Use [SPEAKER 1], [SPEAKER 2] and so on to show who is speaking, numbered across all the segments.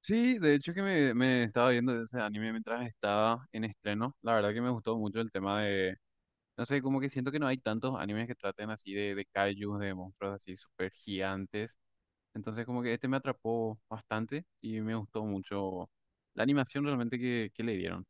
[SPEAKER 1] Sí, de hecho que me estaba viendo ese anime mientras estaba en estreno. La verdad que me gustó mucho el tema de, no sé, como que siento que no hay tantos animes que traten así de kaijus, de monstruos así súper gigantes. Entonces como que este me atrapó bastante y me gustó mucho la animación realmente que le dieron.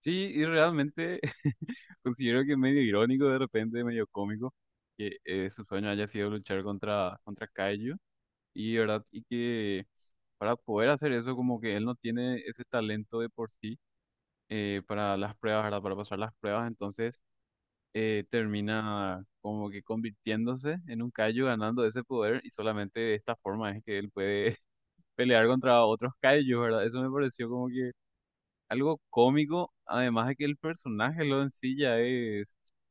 [SPEAKER 1] Sí, y realmente considero que es medio irónico de repente, medio cómico, que su sueño haya sido luchar contra kaiju. Y, ¿verdad? Y que para poder hacer eso, como que él no tiene ese talento de por sí para las pruebas, ¿verdad? Para pasar las pruebas, entonces termina como que convirtiéndose en un Kaiju, ganando ese poder, y solamente de esta forma es que él puede pelear contra otros Kaijus, ¿verdad? Eso me pareció como que algo cómico, además de que el personaje lo en sí ya es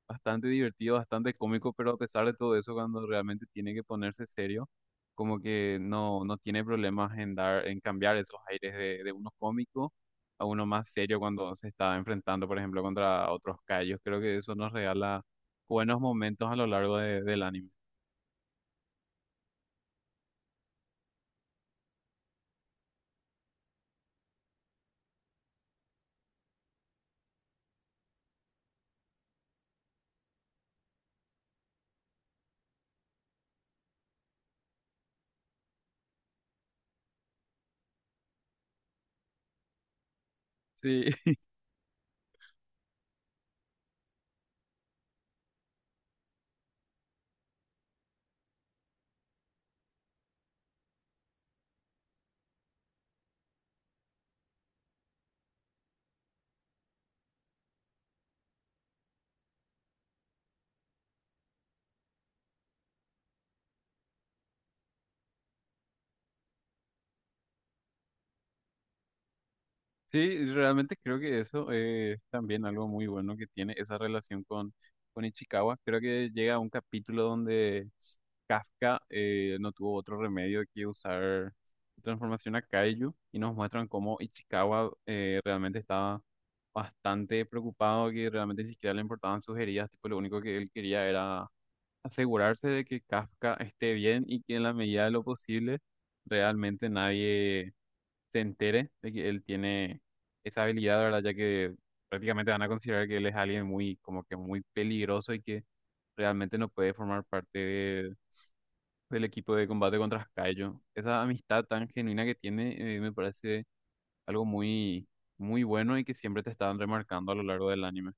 [SPEAKER 1] bastante divertido, bastante cómico, pero a pesar de todo eso, cuando realmente tiene que ponerse serio, como que no tiene problemas en dar, en cambiar esos aires de uno cómico a uno más serio cuando se está enfrentando, por ejemplo, contra otros callos. Creo que eso nos regala buenos momentos a lo largo del anime. Sí. Sí, realmente creo que eso es también algo muy bueno que tiene esa relación con Ichikawa. Creo que llega a un capítulo donde Kafka no tuvo otro remedio que usar su transformación a Kaiju y nos muestran cómo Ichikawa realmente estaba bastante preocupado, que realmente ni siquiera le importaban sus heridas, tipo lo único que él quería era asegurarse de que Kafka esté bien y que en la medida de lo posible realmente nadie se entere de que él tiene esa habilidad, ¿verdad? Ya que prácticamente van a considerar que él es alguien muy, como que muy peligroso y que realmente no puede formar parte del equipo de combate contra Kaijo. Esa amistad tan genuina que tiene, me parece algo muy, muy bueno y que siempre te están remarcando a lo largo del anime.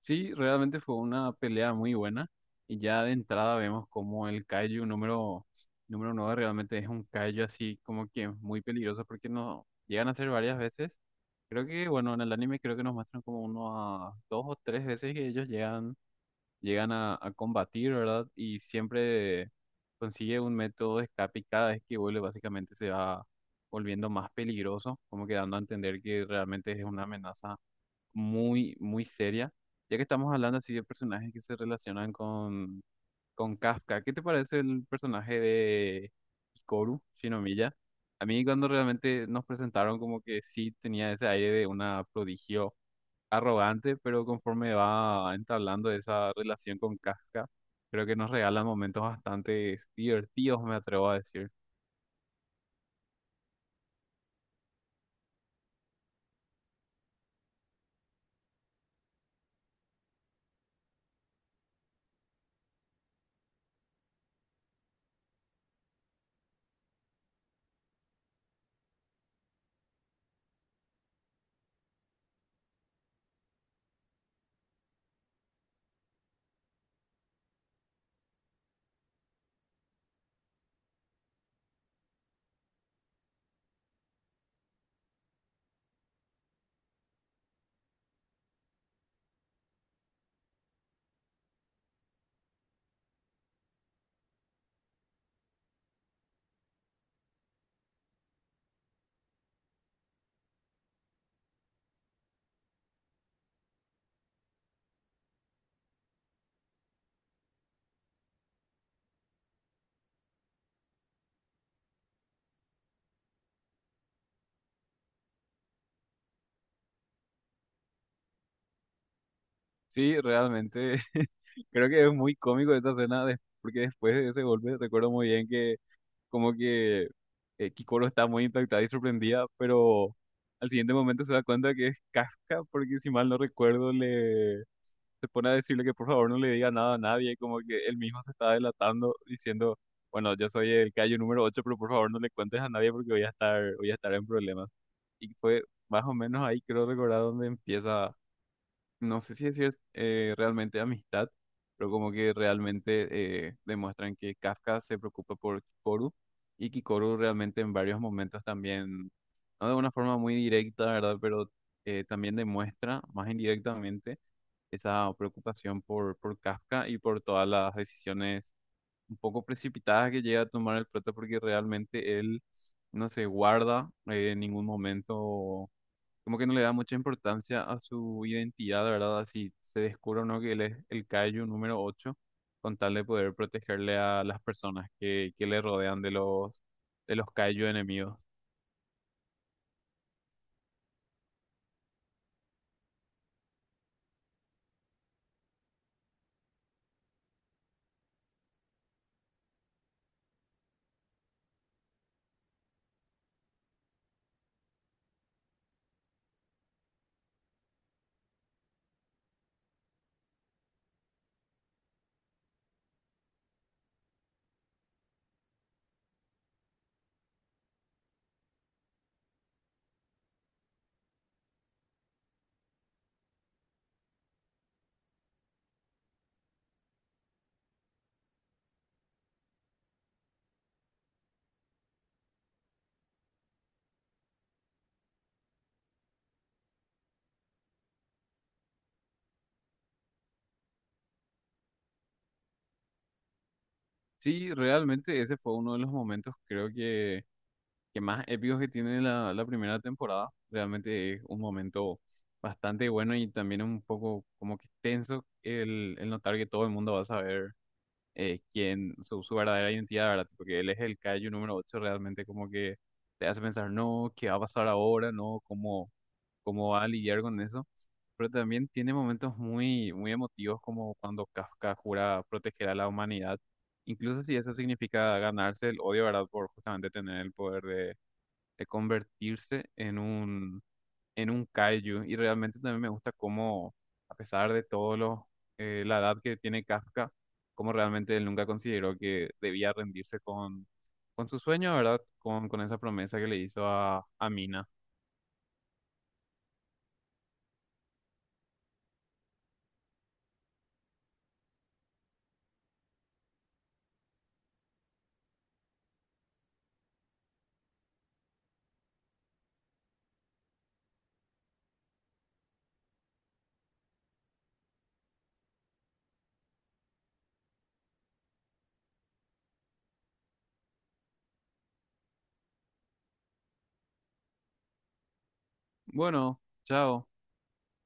[SPEAKER 1] Sí, realmente fue una pelea muy buena y ya de entrada vemos como el número 9 realmente es un Kaiju así como que muy peligroso porque no llegan a ser varias veces. Creo que, bueno, en el anime creo que nos muestran como uno a dos o tres veces que ellos llegan, llegan a combatir, ¿verdad? Y siempre consigue un método de escape y cada vez que vuelve básicamente se va volviendo más peligroso, como que dando a entender que realmente es una amenaza muy, muy seria. Ya que estamos hablando así de personajes que se relacionan con Kafka, ¿qué te parece el personaje de Hikaru Shinomiya? A mí cuando realmente nos presentaron como que sí tenía ese aire de una prodigio arrogante, pero conforme va entablando esa relación con Kafka, creo que nos regalan momentos bastante divertidos, me atrevo a decir. Sí, realmente creo que es muy cómico esta escena, porque después de ese golpe recuerdo muy bien que como que Kikoro está muy impactada y sorprendida, pero al siguiente momento se da cuenta que es Kafka, porque si mal no recuerdo, le se pone a decirle que por favor no le diga nada a nadie, como que él mismo se está delatando, diciendo, bueno, yo soy el callo número 8 pero por favor no le cuentes a nadie porque voy a estar en problemas. Y fue más o menos ahí, creo recordar, donde empieza no sé si eso es realmente amistad, pero como que realmente demuestran que Kafka se preocupa por Kikoru y Kikoru realmente en varios momentos también, no de una forma muy directa, ¿verdad? Pero también demuestra más indirectamente esa preocupación por Kafka y por todas las decisiones un poco precipitadas que llega a tomar el prota porque realmente él no se guarda en ningún momento como que no le da mucha importancia a su identidad, ¿verdad? Así se descubre o no que él es el Kaiju número 8 con tal de poder protegerle a las personas que le rodean de los Kaiju enemigos. Sí, realmente ese fue uno de los momentos, que más épicos que tiene la primera temporada. Realmente es un momento bastante bueno y también un poco como que tenso el notar que todo el mundo va a saber. Quién, su verdadera identidad, ¿verdad? Porque él es el Kaiju número 8 realmente como que te hace pensar, no, ¿qué va a pasar ahora? No, ¿cómo, cómo va a lidiar con eso? Pero también tiene momentos muy, muy emotivos como cuando Kafka jura proteger a la humanidad, incluso si eso significa ganarse el odio, ¿verdad? Por justamente tener el poder de convertirse en un kaiju y realmente también me gusta cómo, a pesar de todo lo, la edad que tiene Kafka, cómo realmente él nunca consideró que debía rendirse con su sueño, ¿verdad? Con esa promesa que le hizo a Mina. Bueno, chao.